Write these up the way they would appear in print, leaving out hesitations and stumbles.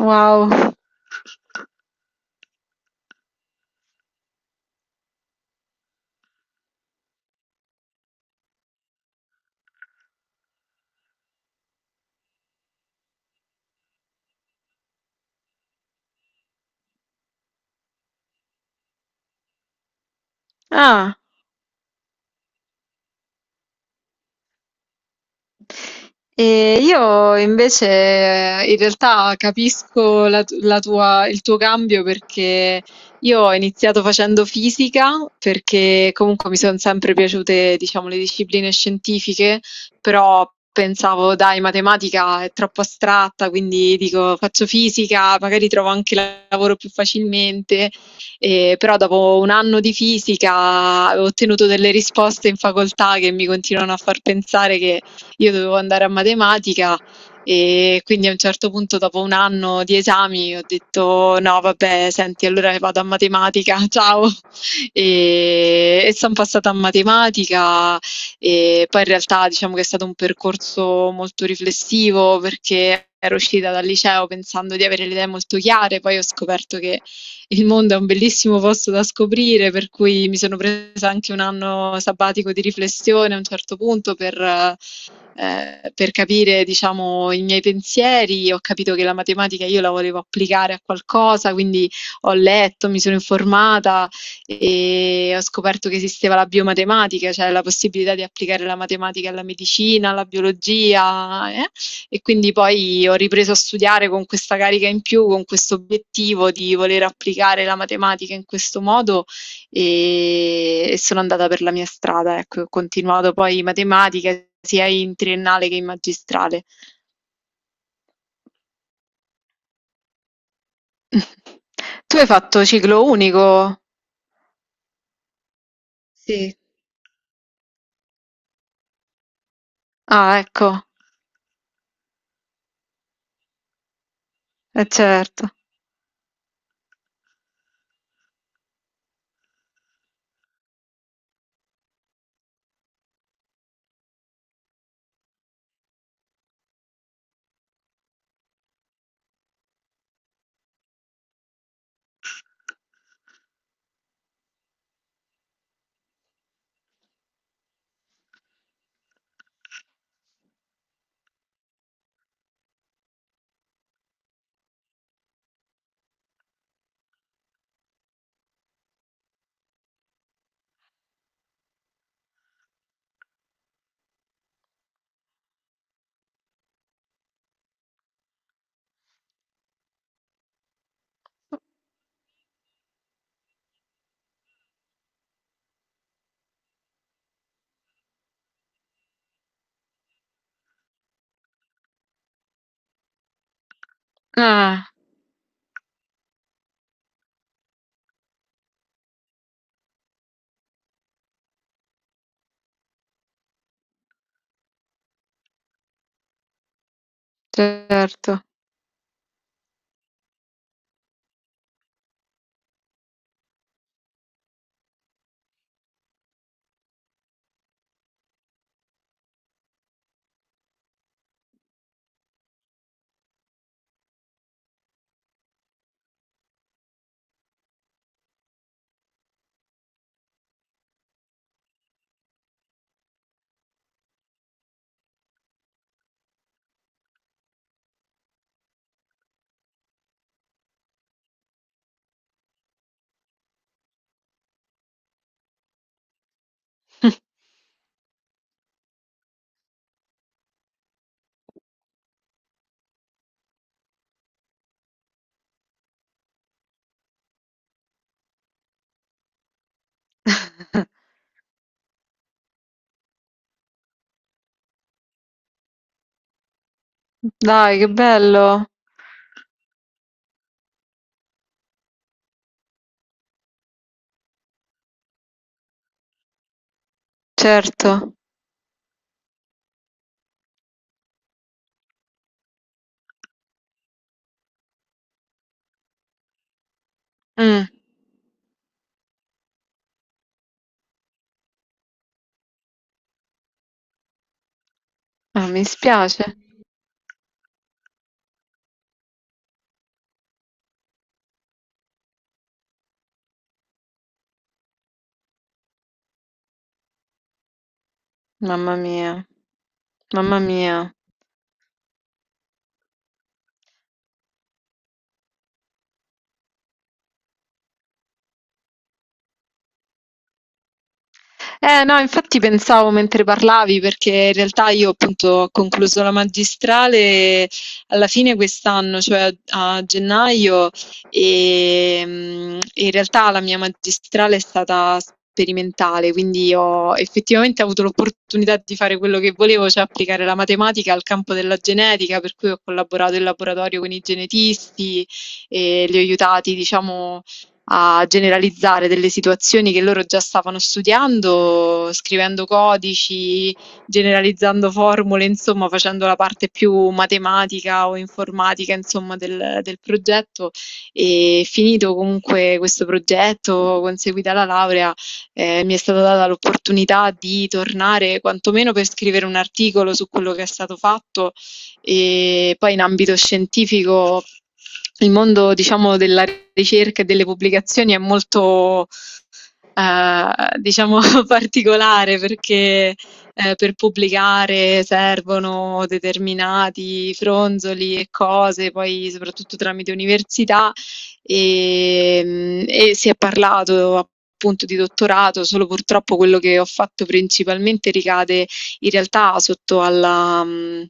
Wow! Ah! E io invece in realtà capisco la tu- la tua- il tuo cambio perché io ho iniziato facendo fisica perché comunque mi sono sempre piaciute, diciamo, le discipline scientifiche, però pensavo, dai, matematica è troppo astratta, quindi dico faccio fisica, magari trovo anche lavoro più facilmente. E però dopo un anno di fisica ho ottenuto delle risposte in facoltà che mi continuano a far pensare io dovevo andare a matematica, e quindi a un certo punto dopo un anno di esami ho detto no, vabbè, senti, allora vado a matematica ciao, e sono passata a matematica. E poi in realtà diciamo che è stato un percorso molto riflessivo perché ero uscita dal liceo pensando di avere le idee molto chiare, poi ho scoperto che il mondo è un bellissimo posto da scoprire, per cui mi sono presa anche un anno sabbatico di riflessione a un certo punto per capire, diciamo, i miei pensieri. Ho capito che la matematica io la volevo applicare a qualcosa, quindi ho letto, mi sono informata e ho scoperto che esisteva la biomatematica, cioè la possibilità di applicare la matematica alla medicina, alla biologia. È e quindi poi ho ripreso a studiare con questa carica in più, con questo obiettivo di voler applicare la matematica in questo modo, e sono andata per la mia strada, ecco, ho continuato poi matematica sia in triennale che in magistrale. Tu hai fatto ciclo unico? Sì. Ah, ecco, certo. Ah, certo. Dai, che bello. Certo. Mm. Ah, mi spiace. Mamma mia, mamma mia. Eh no, infatti pensavo mentre parlavi, perché in realtà io appunto ho concluso la magistrale alla fine quest'anno, cioè a gennaio, e in realtà la mia magistrale è stata sperimentale, quindi ho effettivamente avuto l'opportunità di fare quello che volevo, cioè applicare la matematica al campo della genetica, per cui ho collaborato in laboratorio con i genetisti e li ho aiutati, diciamo, a generalizzare delle situazioni che loro già stavano studiando, scrivendo codici, generalizzando formule, insomma, facendo la parte più matematica o informatica, insomma, del progetto. E finito comunque questo progetto, conseguita la laurea, mi è stata data l'opportunità di tornare quantomeno per scrivere un articolo su quello che è stato fatto, e poi in ambito scientifico il mondo, diciamo, della ricerca e delle pubblicazioni è molto ehm, diciamo particolare perché, per pubblicare servono determinati fronzoli e cose, poi soprattutto tramite università, e si è parlato appunto di dottorato, solo purtroppo quello che ho fatto principalmente ricade in realtà sotto alla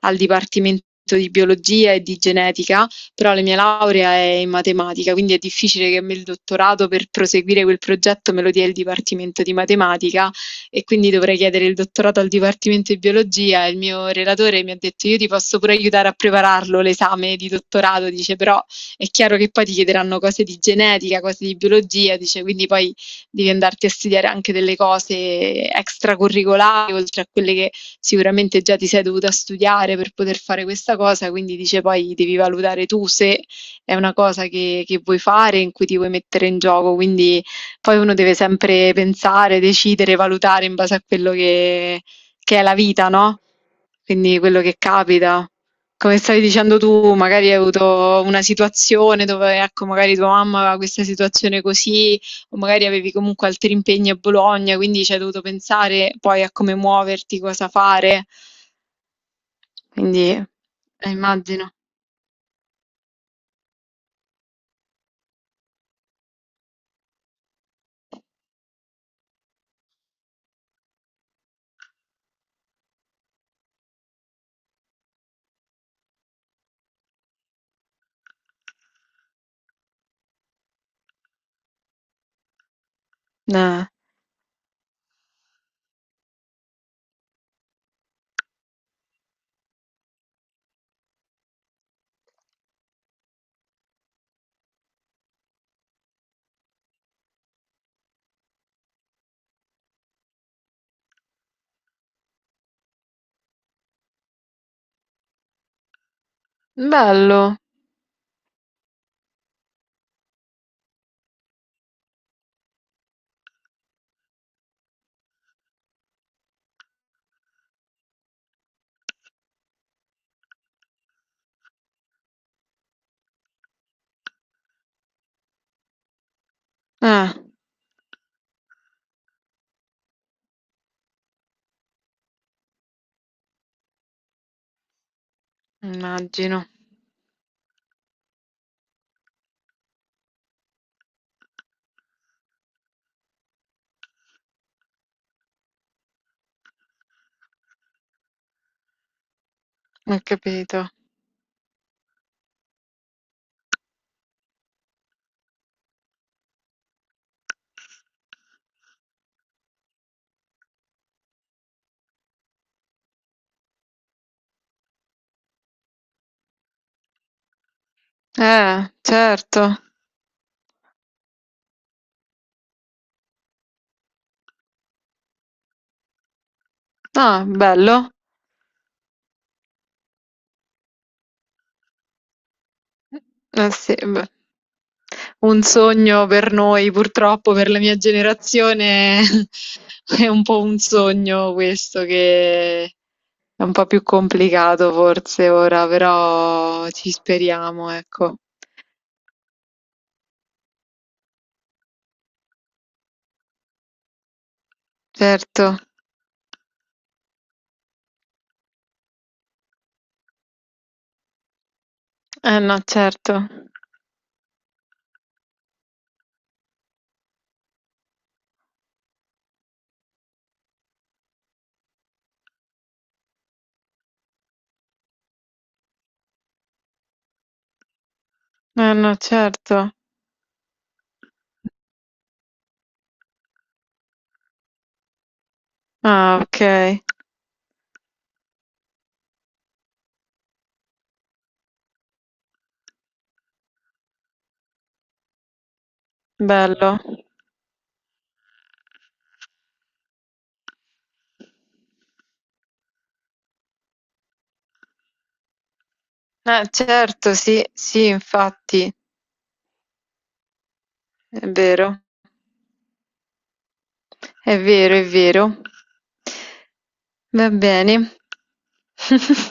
al dipartimento di biologia e di genetica, però la mia laurea è in matematica, quindi è difficile che a me il dottorato per proseguire quel progetto me lo dia il Dipartimento di Matematica, e quindi dovrei chiedere il dottorato al Dipartimento di Biologia. Il mio relatore mi ha detto io ti posso pure aiutare a prepararlo l'esame di dottorato, dice però è chiaro che poi ti chiederanno cose di genetica, cose di biologia, dice quindi poi devi andarti a studiare anche delle cose extracurricolari oltre a quelle che sicuramente già ti sei dovuta studiare per poter fare questa cosa, quindi dice poi devi valutare tu se è una cosa che vuoi fare, in cui ti vuoi mettere in gioco, quindi poi uno deve sempre pensare, decidere, valutare in base a quello che è la vita, no? Quindi quello che capita. Come stavi dicendo tu, magari hai avuto una situazione dove, ecco, magari tua mamma aveva questa situazione così o magari avevi comunque altri impegni a Bologna, quindi ci hai dovuto pensare poi a come muoverti, cosa fare. Quindi, immagino. Eh, bello. Eh, immagino. Ho capito. Certo. Ah, bello. Eh sì, beh, un sogno per noi, purtroppo per la mia generazione è un po' un sogno questo che è un po' più complicato forse ora, però ci speriamo, ecco. Certo, eh no, certo, eh no, certo. Ah, ok, bello. Certo, sì, sì, infatti, è vero, è vero, è vero. Va bene.